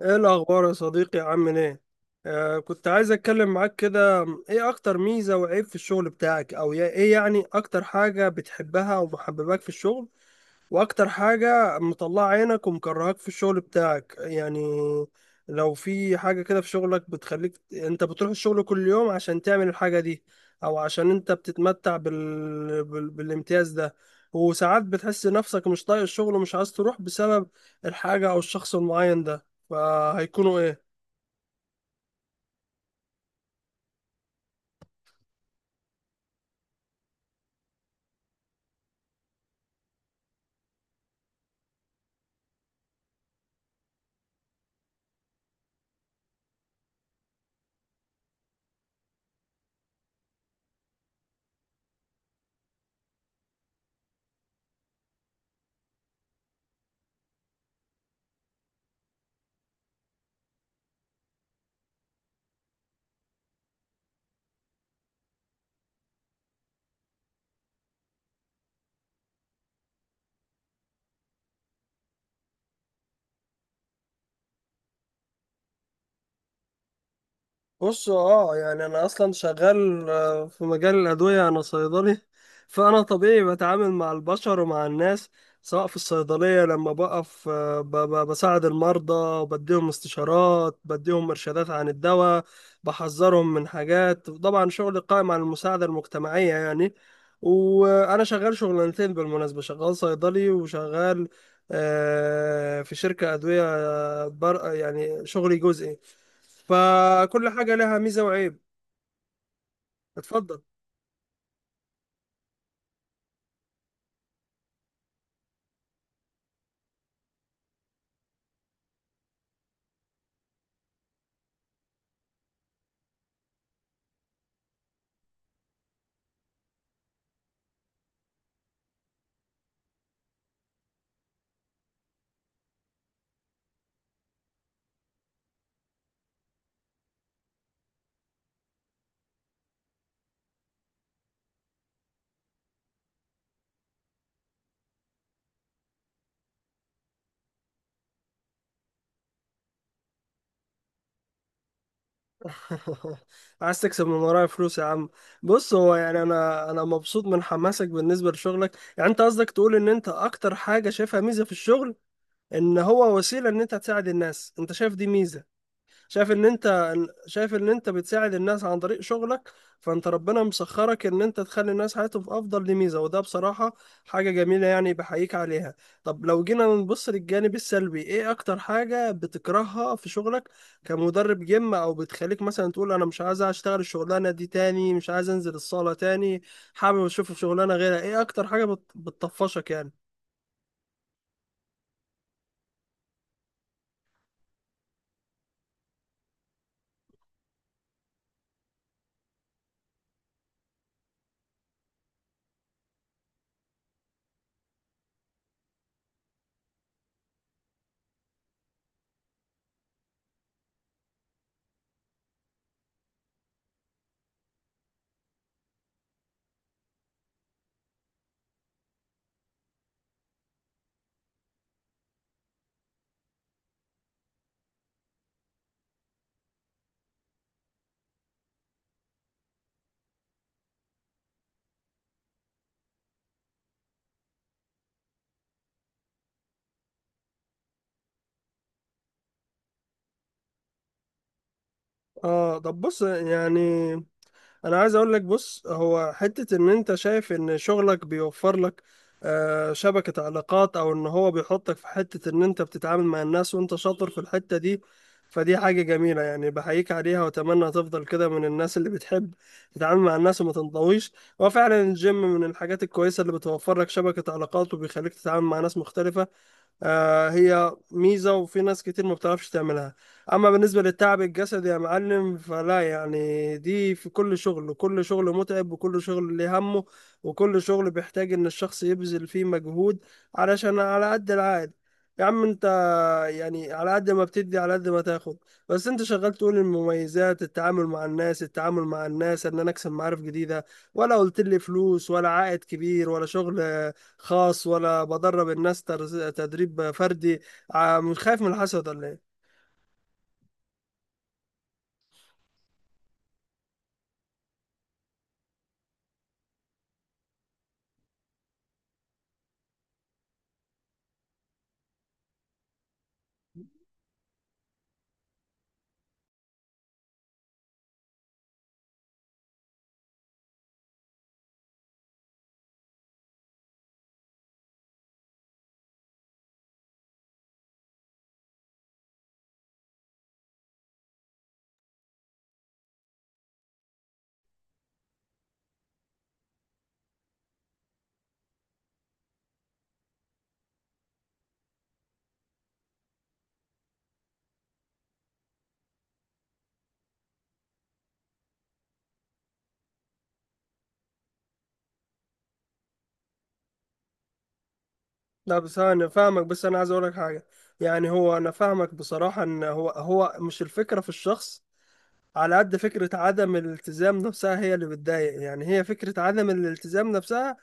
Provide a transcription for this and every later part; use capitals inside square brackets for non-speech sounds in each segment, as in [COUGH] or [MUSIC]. ايه الاخبار يا صديقي؟ عامل ايه؟ آه، كنت عايز اتكلم معاك كده. ايه اكتر ميزة وعيب في الشغل بتاعك؟ ايه يعني اكتر حاجة بتحبها ومحبباك في الشغل، واكتر حاجة مطلعة عينك ومكرهاك في الشغل بتاعك يعني؟ لو في حاجة كده في شغلك بتخليك انت بتروح الشغل كل يوم عشان تعمل الحاجة دي، او عشان انت بتتمتع بالامتياز ده، وساعات بتحس نفسك مش طايق الشغل ومش عايز تروح بسبب الحاجة او الشخص المعين ده، فهيكونوا ايه؟ بص، اه يعني انا اصلا شغال في مجال الادويه، انا صيدلي. فانا طبيعي بتعامل مع البشر ومع الناس، سواء في الصيدليه لما بقف، بساعد المرضى، بديهم استشارات، بديهم ارشادات عن الدواء، بحذرهم من حاجات. طبعا شغلي قائم على المساعده المجتمعيه يعني. وانا شغال شغلانتين بالمناسبه، شغال صيدلي وشغال في شركه ادويه، بر يعني شغلي جزئي. فكل حاجة لها ميزة وعيب. اتفضل. [LAUGHS] عايز تكسب من ورايا فلوس يا عم؟ بص، هو يعني انا مبسوط من حماسك بالنسبة لشغلك. يعني انت قصدك تقول ان انت اكتر حاجة شايفها ميزة في الشغل ان هو وسيلة ان انت تساعد الناس. انت شايف دي ميزة، شايف ان انت، شايف ان انت بتساعد الناس عن طريق شغلك، فانت ربنا مسخرك ان انت تخلي الناس حياتهم في افضل. دي ميزه، وده بصراحه حاجه جميله، يعني بحييك عليها. طب لو جينا نبص للجانب السلبي، ايه اكتر حاجه بتكرهها في شغلك كمدرب جيم، او بتخليك مثلا تقول انا مش عايز اشتغل الشغلانه دي تاني، مش عايز انزل الصاله تاني، حابب اشوف شغلانه غيرها؟ ايه اكتر حاجه بتطفشك يعني؟ اه، طب بص، يعني انا عايز اقول لك، بص هو حتة ان انت شايف ان شغلك بيوفر لك شبكة علاقات، او ان هو بيحطك في حتة ان انت بتتعامل مع الناس وانت شاطر في الحتة دي، فدي حاجة جميلة يعني، بحييك عليها، واتمنى تفضل كده من الناس اللي بتحب تتعامل مع الناس وما تنطويش. هو فعلا الجيم من الحاجات الكويسة اللي بتوفر لك شبكة علاقات وبيخليك تتعامل مع ناس مختلفة. هي ميزة وفي ناس كتير ما بتعرفش تعملها. أما بالنسبة للتعب الجسدي يا معلم فلا، يعني دي في كل شغل، وكل شغل متعب، وكل شغل ليه همه، وكل شغل بيحتاج إن الشخص يبذل فيه مجهود، علشان على قد العائد يا عم أنت، يعني على قد ما بتدي على قد ما تاخد. بس انت شغال تقول المميزات، التعامل مع الناس، التعامل مع الناس، ان انا اكسب معارف جديدة، ولا قلت لي فلوس ولا عائد كبير ولا شغل خاص ولا بدرب الناس تدريب فردي. مش خايف من الحسد ولا ايه؟ لا بس انا فاهمك، بس انا عايز اقول لك حاجة. يعني هو، انا فاهمك بصراحة، ان هو مش الفكرة في الشخص على قد فكرة عدم الالتزام نفسها هي اللي بتضايق. يعني هي فكرة عدم الالتزام نفسها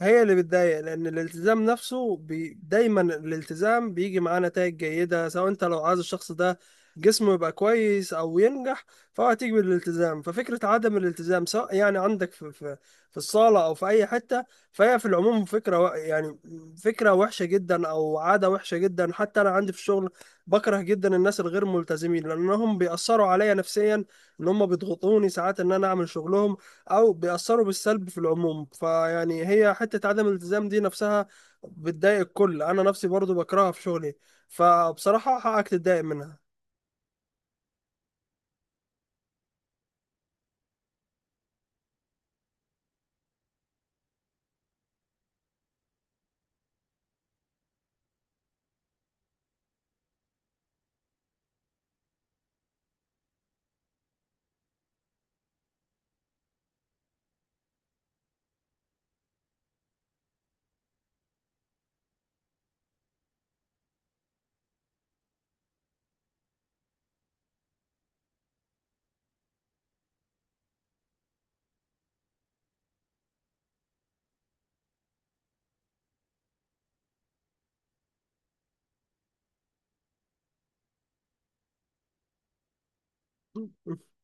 هي اللي بتضايق، لان الالتزام نفسه دايما الالتزام بيجي معاه نتائج جيده، سواء انت لو عايز الشخص ده جسمه يبقى كويس او ينجح، فهو هتيجي بالالتزام. ففكره عدم الالتزام سواء يعني عندك في في الصاله او في اي حته، فهي في العموم يعني فكره وحشه جدا او عاده وحشه جدا. حتى انا عندي في الشغل بكره جدا الناس الغير ملتزمين، لانهم بيأثروا عليا نفسيا، ان هم بيضغطوني ساعات ان انا اعمل شغلهم، او بيأثروا بالسلب في العموم. فيعني هي حتة عدم الالتزام دي نفسها بتضايق الكل، انا نفسي برضو بكرهها في شغلي، فبصراحة حقك تتضايق منها. [LAUGHS]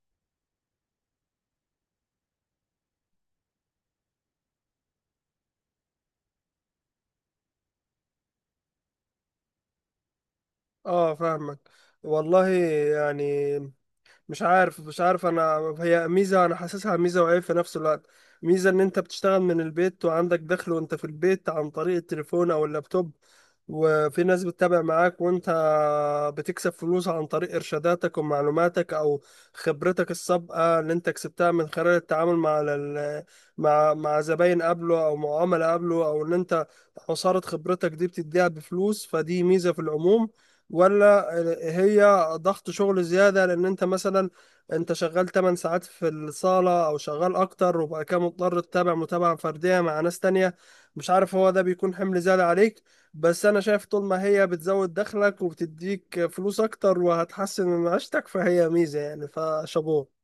اه فاهمك. والله يعني مش عارف انا، هي ميزه، انا حاسسها ميزه وعيب في نفس الوقت. ميزه ان انت بتشتغل من البيت وعندك دخل وانت في البيت عن طريق التليفون او اللابتوب، وفي ناس بتتابع معاك وانت بتكسب فلوس عن طريق ارشاداتك ومعلوماتك او خبرتك السابقه اللي انت كسبتها من خلال التعامل مع زباين قبله او معامله قبله، او ان انت عصاره خبرتك دي بتديها بفلوس، فدي ميزه في العموم. ولا هي ضغط شغل زيادة؟ لأن أنت مثلا أنت شغال 8 ساعات في الصالة أو شغال أكتر، وبقى كده مضطر تتابع متابعة فردية مع ناس تانية، مش عارف هو ده بيكون حمل زيادة عليك. بس أنا شايف طول ما هي بتزود دخلك وبتديك فلوس أكتر وهتحسن من معيشتك فهي ميزة يعني، فشابوه.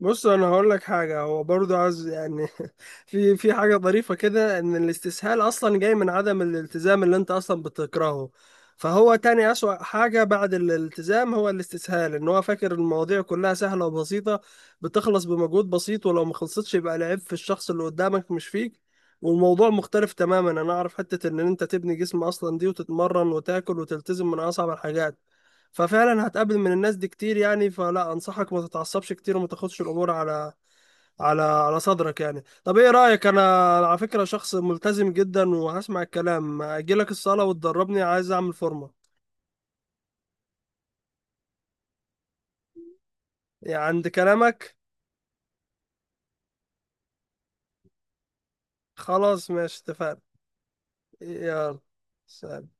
بص، انا هقول لك حاجه، هو برضه عايز يعني [LAUGHS] في في حاجه ظريفه كده، ان الاستسهال اصلا جاي من عدم الالتزام اللي انت اصلا بتكرهه. فهو تاني اسوأ حاجه بعد الالتزام هو الاستسهال، ان هو فاكر المواضيع كلها سهله وبسيطه، بتخلص بمجهود بسيط، ولو ما خلصتش يبقى العيب في الشخص اللي قدامك مش فيك. والموضوع مختلف تماما، انا اعرف حته ان انت تبني جسم اصلا دي وتتمرن وتاكل وتلتزم من اصعب الحاجات. ففعلا هتقابل من الناس دي كتير يعني، فلا انصحك ما تتعصبش كتير وما تاخدش الامور على على صدرك يعني. طب ايه رايك، انا على فكره شخص ملتزم جدا، وهسمع الكلام، اجي لك الصاله وتدربني، عايز اعمل فورمه. يعني عند كلامك؟ خلاص، ماشي، اتفقنا. يلا، سلام.